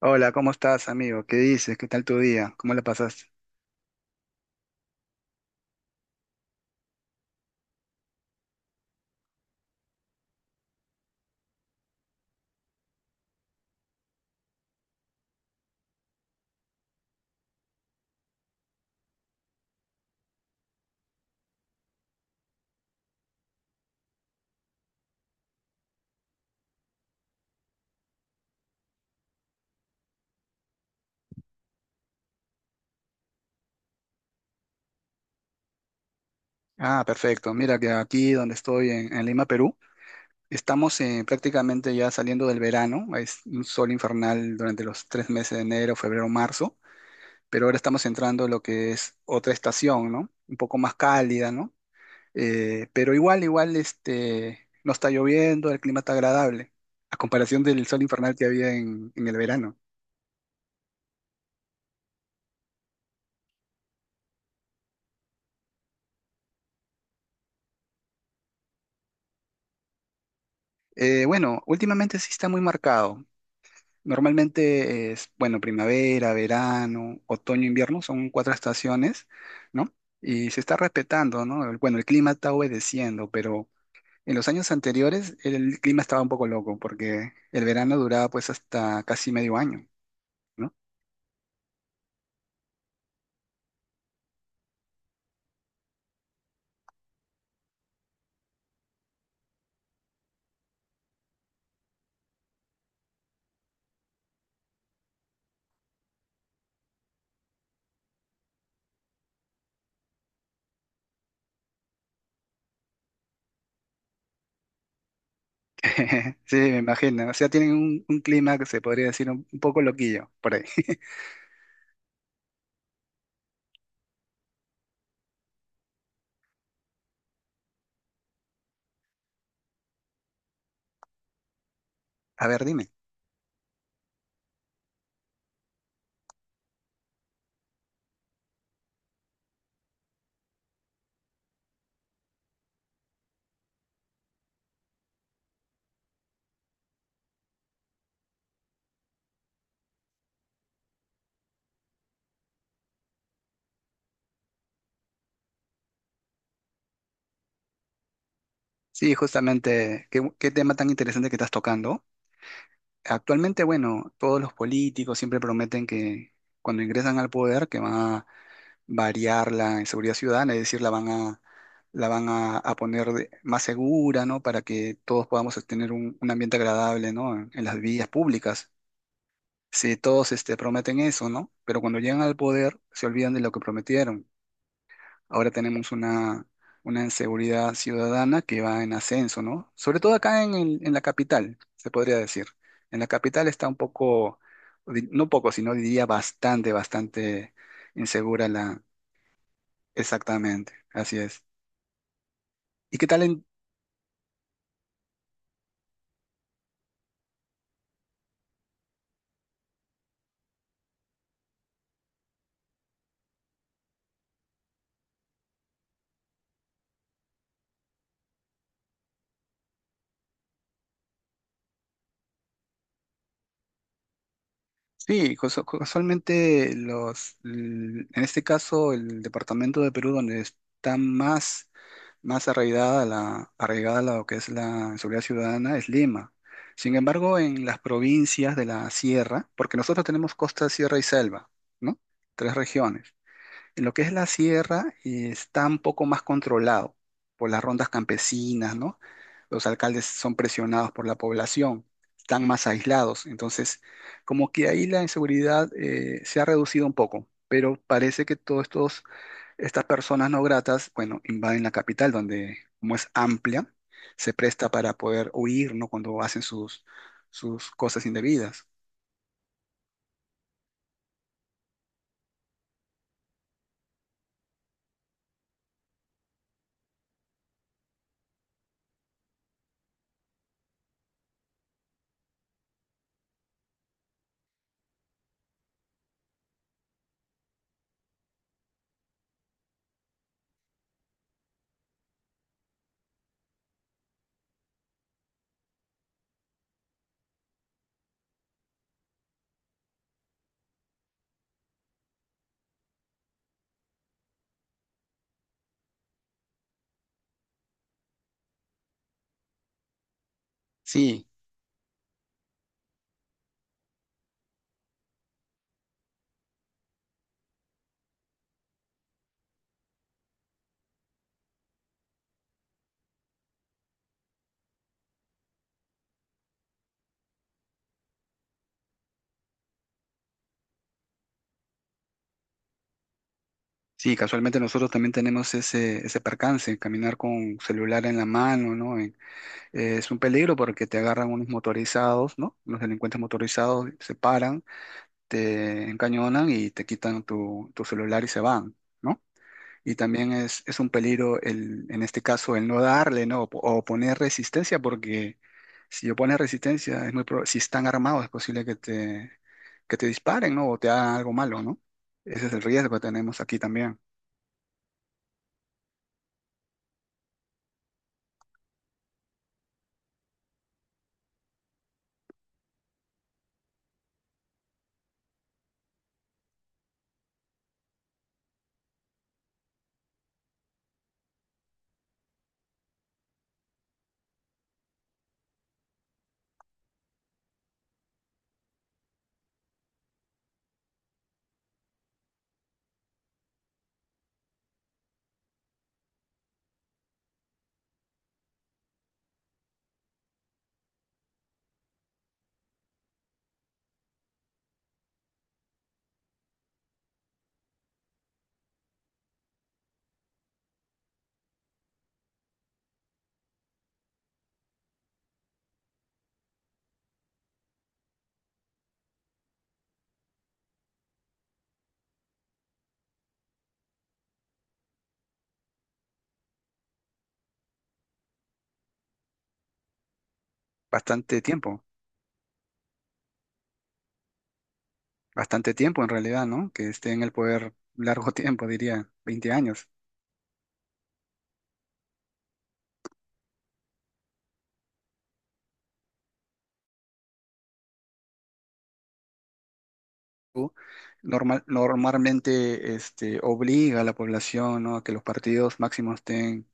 Hola, ¿cómo estás, amigo? ¿Qué dices? ¿Qué tal tu día? ¿Cómo la pasaste? Ah, perfecto. Mira que aquí donde estoy en Lima, Perú, estamos prácticamente ya saliendo del verano. Es un sol infernal durante los 3 meses de enero, febrero, marzo, pero ahora estamos entrando en lo que es otra estación, ¿no? Un poco más cálida, ¿no? Pero igual, igual, no está lloviendo, el clima está agradable, a comparación del sol infernal que había en el verano. Bueno, últimamente sí está muy marcado. Normalmente es, bueno, primavera, verano, otoño, invierno, son cuatro estaciones, ¿no? Y se está respetando, ¿no? Bueno, el clima está obedeciendo, pero en los años anteriores el clima estaba un poco loco porque el verano duraba pues hasta casi medio año, ¿no? Sí, me imagino. O sea, tienen un clima que se podría decir un poco loquillo por ahí. A ver, dime. Sí, justamente, ¿qué tema tan interesante que estás tocando? Actualmente, bueno, todos los políticos siempre prometen que cuando ingresan al poder que van a variar la inseguridad ciudadana, es decir, la van a poner más segura, ¿no? Para que todos podamos tener un ambiente agradable, ¿no? En las vías públicas. Sí, todos prometen eso, ¿no? Pero cuando llegan al poder se olvidan de lo que prometieron. Ahora tenemos una seguridad ciudadana que va en ascenso, ¿no? Sobre todo acá en, en la capital, se podría decir. En la capital está un poco, no poco, sino diría bastante, bastante insegura la... Exactamente, así es. ¿Y qué tal en... Sí, casualmente en este caso el departamento de Perú donde está más arraigada a arraigada a lo que es la seguridad ciudadana es Lima. Sin embargo, en las provincias de la sierra, porque nosotros tenemos costa, sierra y selva, ¿no? Tres regiones. En lo que es la sierra, está un poco más controlado por las rondas campesinas, ¿no? Los alcaldes son presionados por la población, están más aislados. Entonces, como que ahí la inseguridad se ha reducido un poco, pero parece que todos estos estas personas no gratas, bueno, invaden la capital donde, como es amplia, se presta para poder huir, ¿no? Cuando hacen sus, sus cosas indebidas. Sí, sí, casualmente nosotros también tenemos ese percance, caminar con celular en la mano, ¿no? Es un peligro porque te agarran unos motorizados, ¿no? Los delincuentes motorizados se paran, te encañonan y te quitan tu celular y se van. ¿No? Y también es un peligro el, en este caso el no darle, ¿no? O, o poner resistencia, porque si yo pones resistencia, es muy si están armados, es posible que te disparen, ¿no? O te hagan algo malo, ¿no? Ese es el riesgo que tenemos aquí también. Bastante tiempo, bastante tiempo en realidad, ¿no? Que esté en el poder largo tiempo, diría, 20 años. Tú, normalmente obliga a la población, ¿no? A que los partidos máximos estén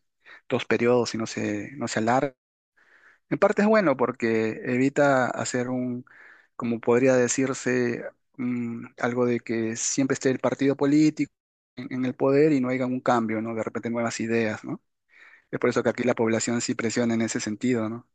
2 periodos y no se alarguen. En parte es bueno porque evita hacer un, como podría decirse, algo de que siempre esté el partido político en el poder y no haya un cambio, ¿no? De repente nuevas ideas, ¿no? Es por eso que aquí la población sí presiona en ese sentido, ¿no?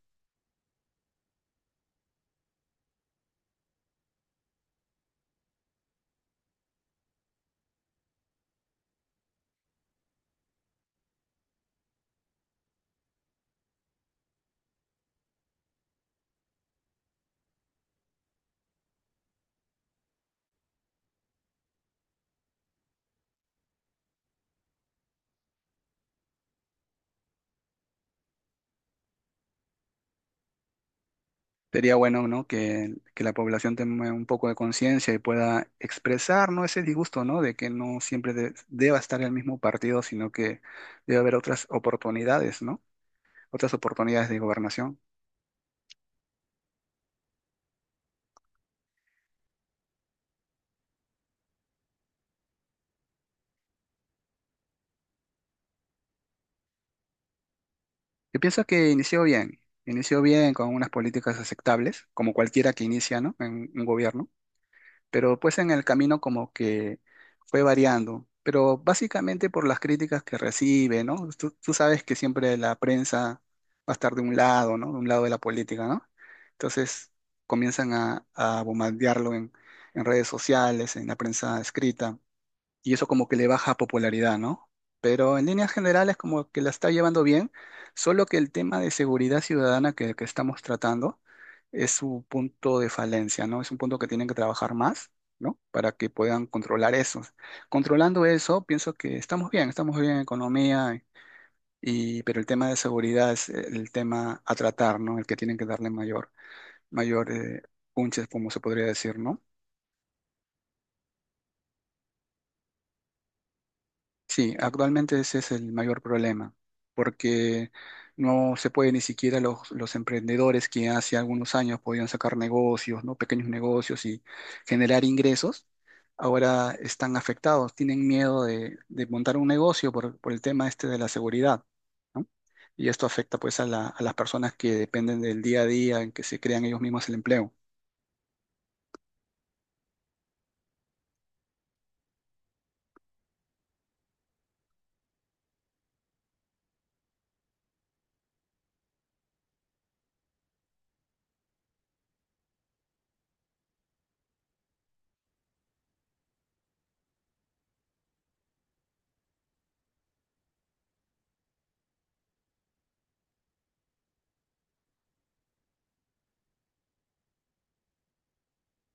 Sería bueno, ¿no? Que la población tenga un poco de conciencia y pueda expresar, ¿no? Ese disgusto, ¿no? De que no siempre deba estar el mismo partido, sino que debe haber otras oportunidades, ¿no? Otras oportunidades de gobernación. Yo pienso que inició bien con unas políticas aceptables, como cualquiera que inicia, ¿no? En un gobierno, pero pues en el camino como que fue variando, pero básicamente por las críticas que recibe, ¿no? Tú sabes que siempre la prensa va a estar de un lado, ¿no? De un lado de la política, ¿no? Entonces comienzan a bombardearlo en, redes sociales, en la prensa escrita y eso como que le baja popularidad, ¿no? Pero en líneas generales como que la está llevando bien, solo que el tema de seguridad ciudadana que estamos tratando es su punto de falencia, ¿no? Es un punto que tienen que trabajar más, ¿no? Para que puedan controlar eso. Controlando eso, pienso que estamos bien en economía, y, pero el tema de seguridad es el tema a tratar, ¿no? El que tienen que darle mayor punches, como se podría decir, ¿no? Sí, actualmente ese es el mayor problema, porque no se puede ni siquiera los emprendedores que hace algunos años podían sacar negocios, ¿no? Pequeños negocios y generar ingresos, ahora están afectados, tienen miedo de montar un negocio por el tema este de la seguridad, ¿no? Y esto afecta pues a la- a las personas que dependen del día a día en que se crean ellos mismos el empleo.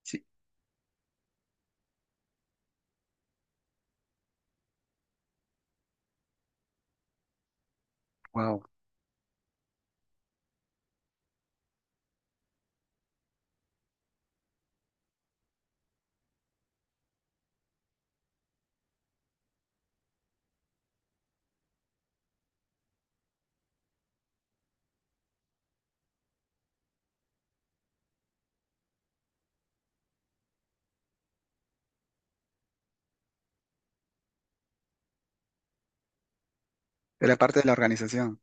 Sí, wow. Era parte de la organización.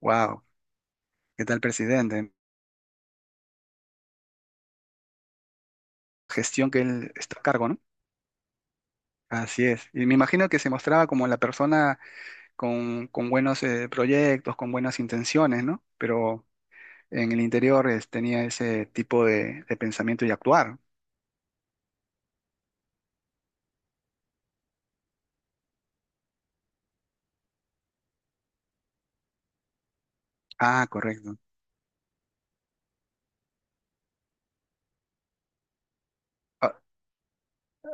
Wow. ¿Qué tal, presidente? Gestión que él está a cargo, ¿no? Así es. Y me imagino que se mostraba como la persona con buenos proyectos, con buenas intenciones, ¿no? Pero en el interior tenía ese tipo de pensamiento y actuar. Ah, correcto. Ah,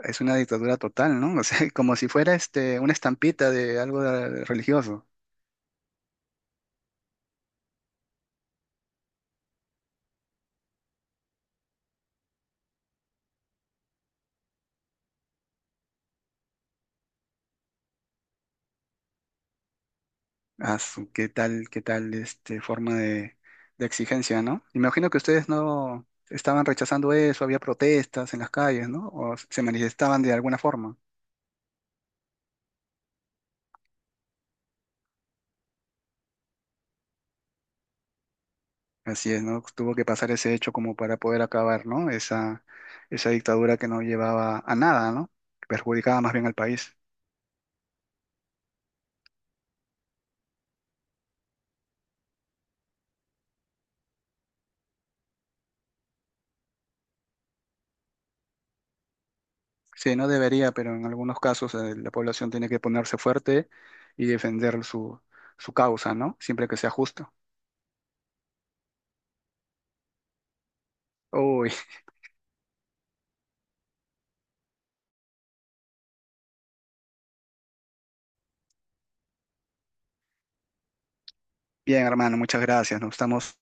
es una dictadura total, ¿no? O sea, como si fuera este, una estampita de algo religioso. Qué tal forma de exigencia, ¿no? Imagino que ustedes no estaban rechazando eso, había protestas en las calles, ¿no? O se manifestaban de alguna forma. Así es, ¿no? Pues, tuvo que pasar ese hecho como para poder acabar, ¿no? Esa dictadura que no llevaba a nada, ¿no? Que perjudicaba más bien al país. Sí, no debería, pero en algunos casos la población tiene que ponerse fuerte y defender su, su causa, ¿no? Siempre que sea justo. Uy, bien, hermano, muchas gracias. Nos estamos